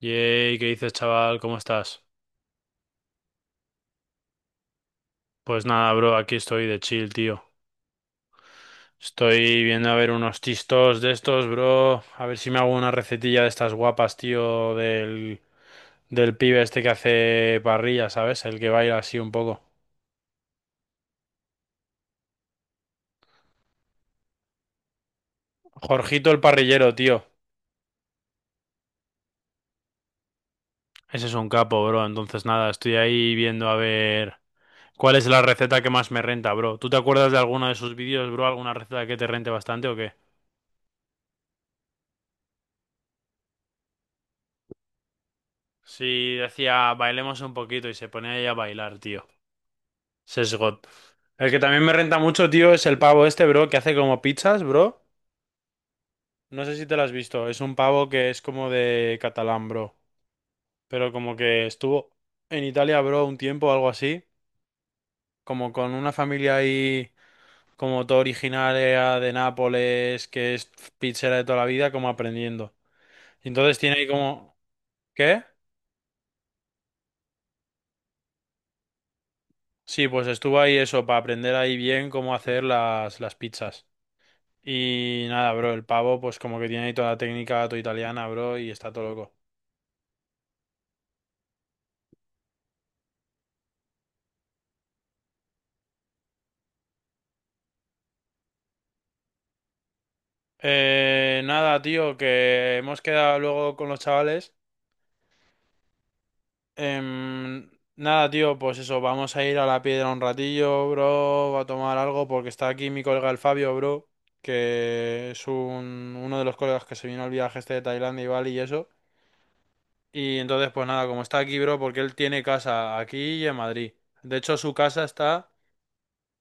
Yay, ¿qué dices, chaval? ¿Cómo estás? Pues nada, bro, aquí estoy de chill, tío. Estoy viendo a ver unos tistos de estos, bro. A ver si me hago una recetilla de estas guapas, tío, del pibe este que hace parrilla, ¿sabes? El que baila así un poco. Jorgito el parrillero, tío. Ese es un capo, bro. Entonces nada, estoy ahí viendo a ver cuál es la receta que más me renta, bro. ¿Tú te acuerdas de alguno de sus vídeos, bro? ¿Alguna receta que te rente bastante o qué? Sí, decía, bailemos un poquito y se ponía ahí a bailar, tío. Sesgot. El que también me renta mucho, tío, es el pavo este, bro, que hace como pizzas, bro. No sé si te lo has visto. Es un pavo que es como de catalán, bro. Pero como que estuvo en Italia, bro, un tiempo o algo así. Como con una familia ahí, como todo originaria de Nápoles, que es pizzera de toda la vida, como aprendiendo. Entonces tiene ahí como... ¿Qué? Sí, pues estuvo ahí eso, para aprender ahí bien cómo hacer las pizzas. Y nada, bro, el pavo, pues como que tiene ahí toda la técnica todo italiana, bro, y está todo loco. Nada, tío, que hemos quedado luego con los chavales. Em, Nada, tío, pues eso, vamos a ir a la piedra un ratillo, bro, a tomar algo, porque está aquí mi colega el Fabio, bro, que es uno de los colegas que se vino al viaje este de Tailandia y Bali y eso. Y entonces, pues nada, como está aquí, bro, porque él tiene casa aquí y en Madrid. De hecho, su casa está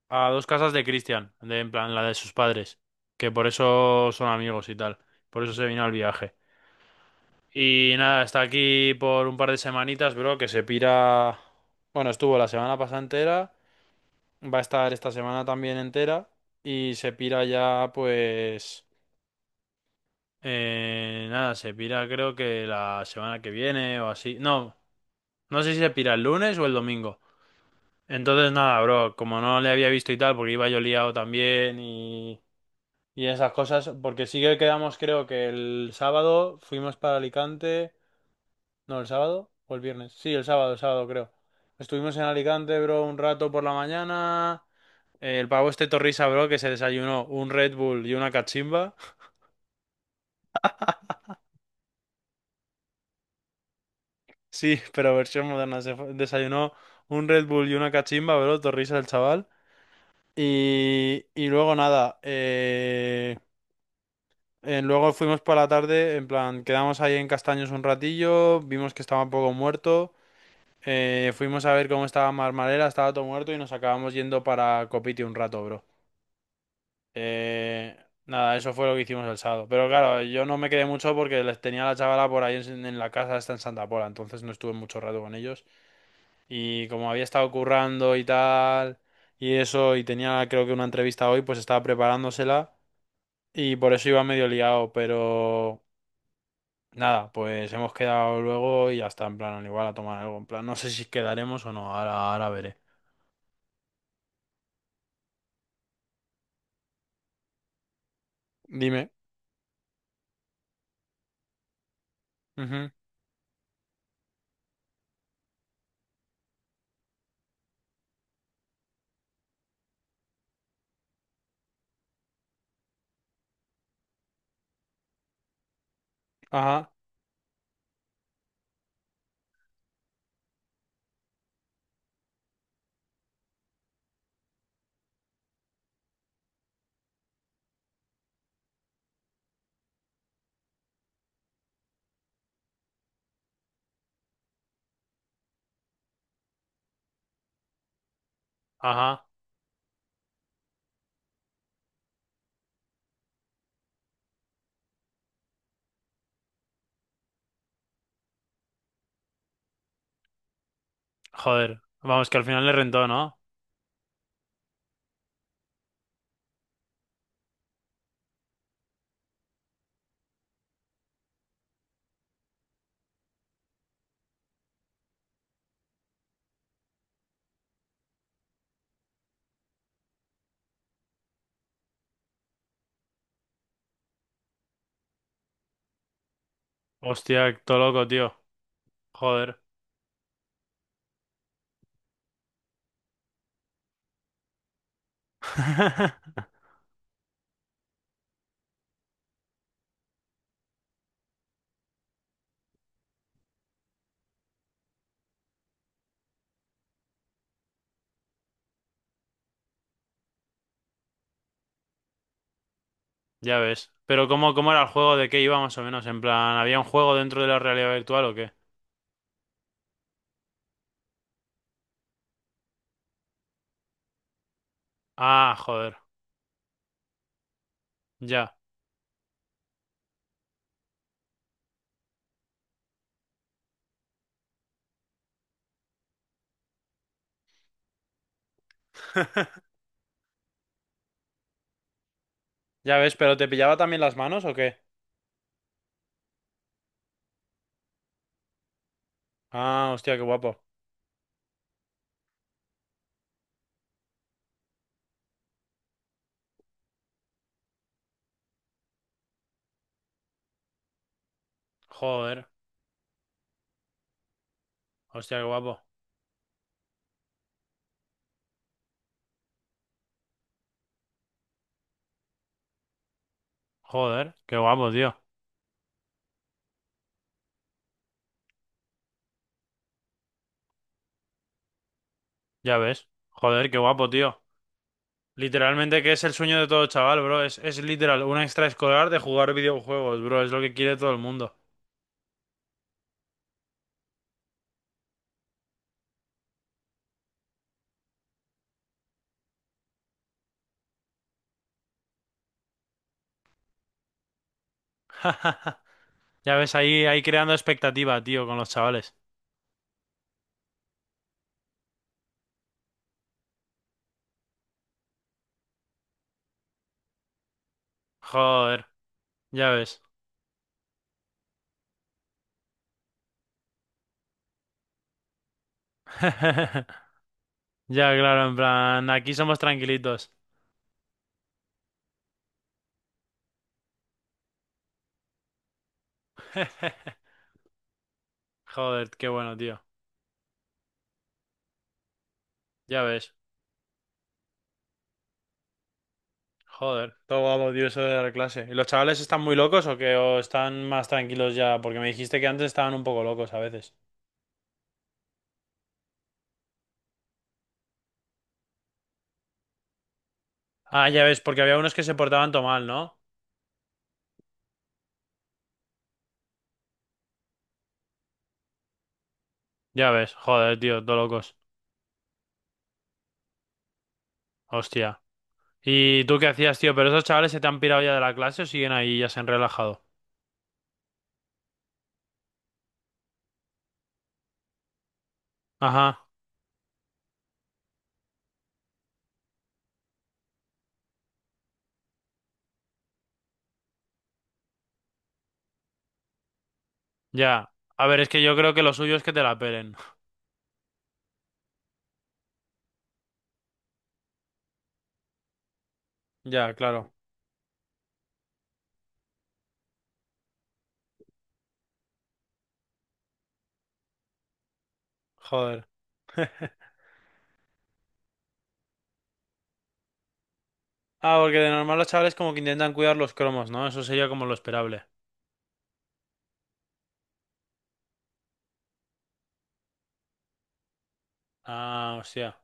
a dos casas de Cristian, de, en plan la de sus padres, que por eso son amigos y tal, por eso se vino al viaje. Y nada, está aquí por un par de semanitas, bro, que se pira... Bueno, estuvo la semana pasada entera, va a estar esta semana también entera y se pira ya pues... nada, se pira creo que la semana que viene o así. No, no sé si se pira el lunes o el domingo. Entonces nada, bro, como no le había visto y tal, porque iba yo liado también y esas cosas, porque sí que quedamos, creo que el sábado fuimos para Alicante. No, el sábado o el viernes. Sí, el sábado creo. Estuvimos en Alicante, bro, un rato por la mañana. El pavo este Torrisa, bro, que se desayunó un Red Bull y una cachimba. Sí, pero versión moderna. Desayunó un Red Bull y una cachimba, bro, Torrisa el chaval. Y luego nada, luego fuimos por la tarde, en plan, quedamos ahí en Castaños un ratillo, vimos que estaba un poco muerto. Fuimos a ver cómo estaba Marmarela, estaba todo muerto y nos acabamos yendo para Copiti un rato, bro. Eh, Nada, eso fue lo que hicimos el sábado. Pero claro, yo no me quedé mucho porque les tenía a la chavala por ahí en la casa, está en Santa Pola, entonces no estuve mucho rato con ellos. Y como había estado currando y tal, y eso, y tenía creo que una entrevista hoy, pues estaba preparándosela y por eso iba medio liado, pero... Nada, pues hemos quedado luego y ya está, en plan, igual a tomar algo, en plan, no sé si quedaremos o no, ahora, ahora veré. Dime. Ujú. Ajá. Ajá. Joder. Vamos, que al final le rentó, ¿no? Hostia, todo loco, tío. Joder. Ya ves. Pero ¿cómo, cómo era el juego? ¿De qué iba más o menos? En plan, ¿había un juego dentro de la realidad virtual o qué? Ah, joder. Ya. Ya ves, pero ¿te pillaba también las manos o qué? Ah, hostia, qué guapo. Joder. Hostia, qué guapo. Joder, qué guapo, tío. Ya ves. Joder, qué guapo, tío. Literalmente que es el sueño de todo chaval, bro. Es literal un extraescolar de jugar videojuegos, bro. Es lo que quiere todo el mundo. Ya ves, ahí, ahí creando expectativa, tío, con los chavales. Joder, ya ves. Ya, claro, en plan, aquí somos tranquilitos. Joder, qué bueno, tío. Ya ves. Joder, todo guapo, tío, eso de dar clase. ¿Y los chavales están muy locos o qué? ¿O están más tranquilos ya? Porque me dijiste que antes estaban un poco locos a veces. Ah, ya ves, porque había unos que se portaban todo mal, ¿no? Ya ves, joder, tío, todo locos. Hostia. ¿Y tú qué hacías, tío? ¿Pero esos chavales se te han pirado ya de la clase o siguen ahí y ya se han relajado? Ajá, ya. A ver, es que yo creo que lo suyo es que te la pelen. Ya, claro. Joder. Ah, porque de normal los chavales como que intentan cuidar los cromos, ¿no? Eso sería como lo esperable. Ah, hostia.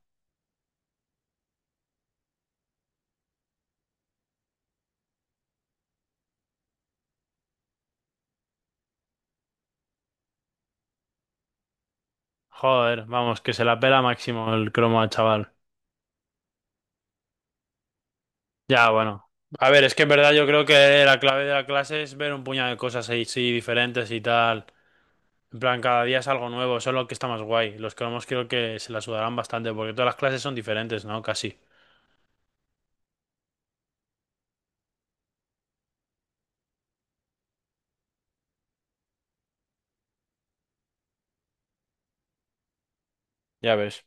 Joder, vamos, que se la pela máximo el cromo al chaval. Ya, bueno. A ver, es que en verdad yo creo que la clave de la clase es ver un puñado de cosas ahí, sí, diferentes y tal. En plan, cada día es algo nuevo, eso es lo que está más guay. Los cromos creo que se la sudarán bastante porque todas las clases son diferentes, ¿no? Casi. Ya ves.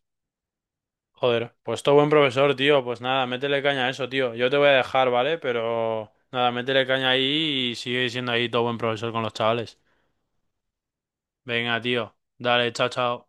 Joder, pues todo buen profesor, tío. Pues nada, métele caña a eso, tío. Yo te voy a dejar, ¿vale? Pero nada, métele caña ahí y sigue siendo ahí todo buen profesor con los chavales. Venga, tío. Dale, chao, chao.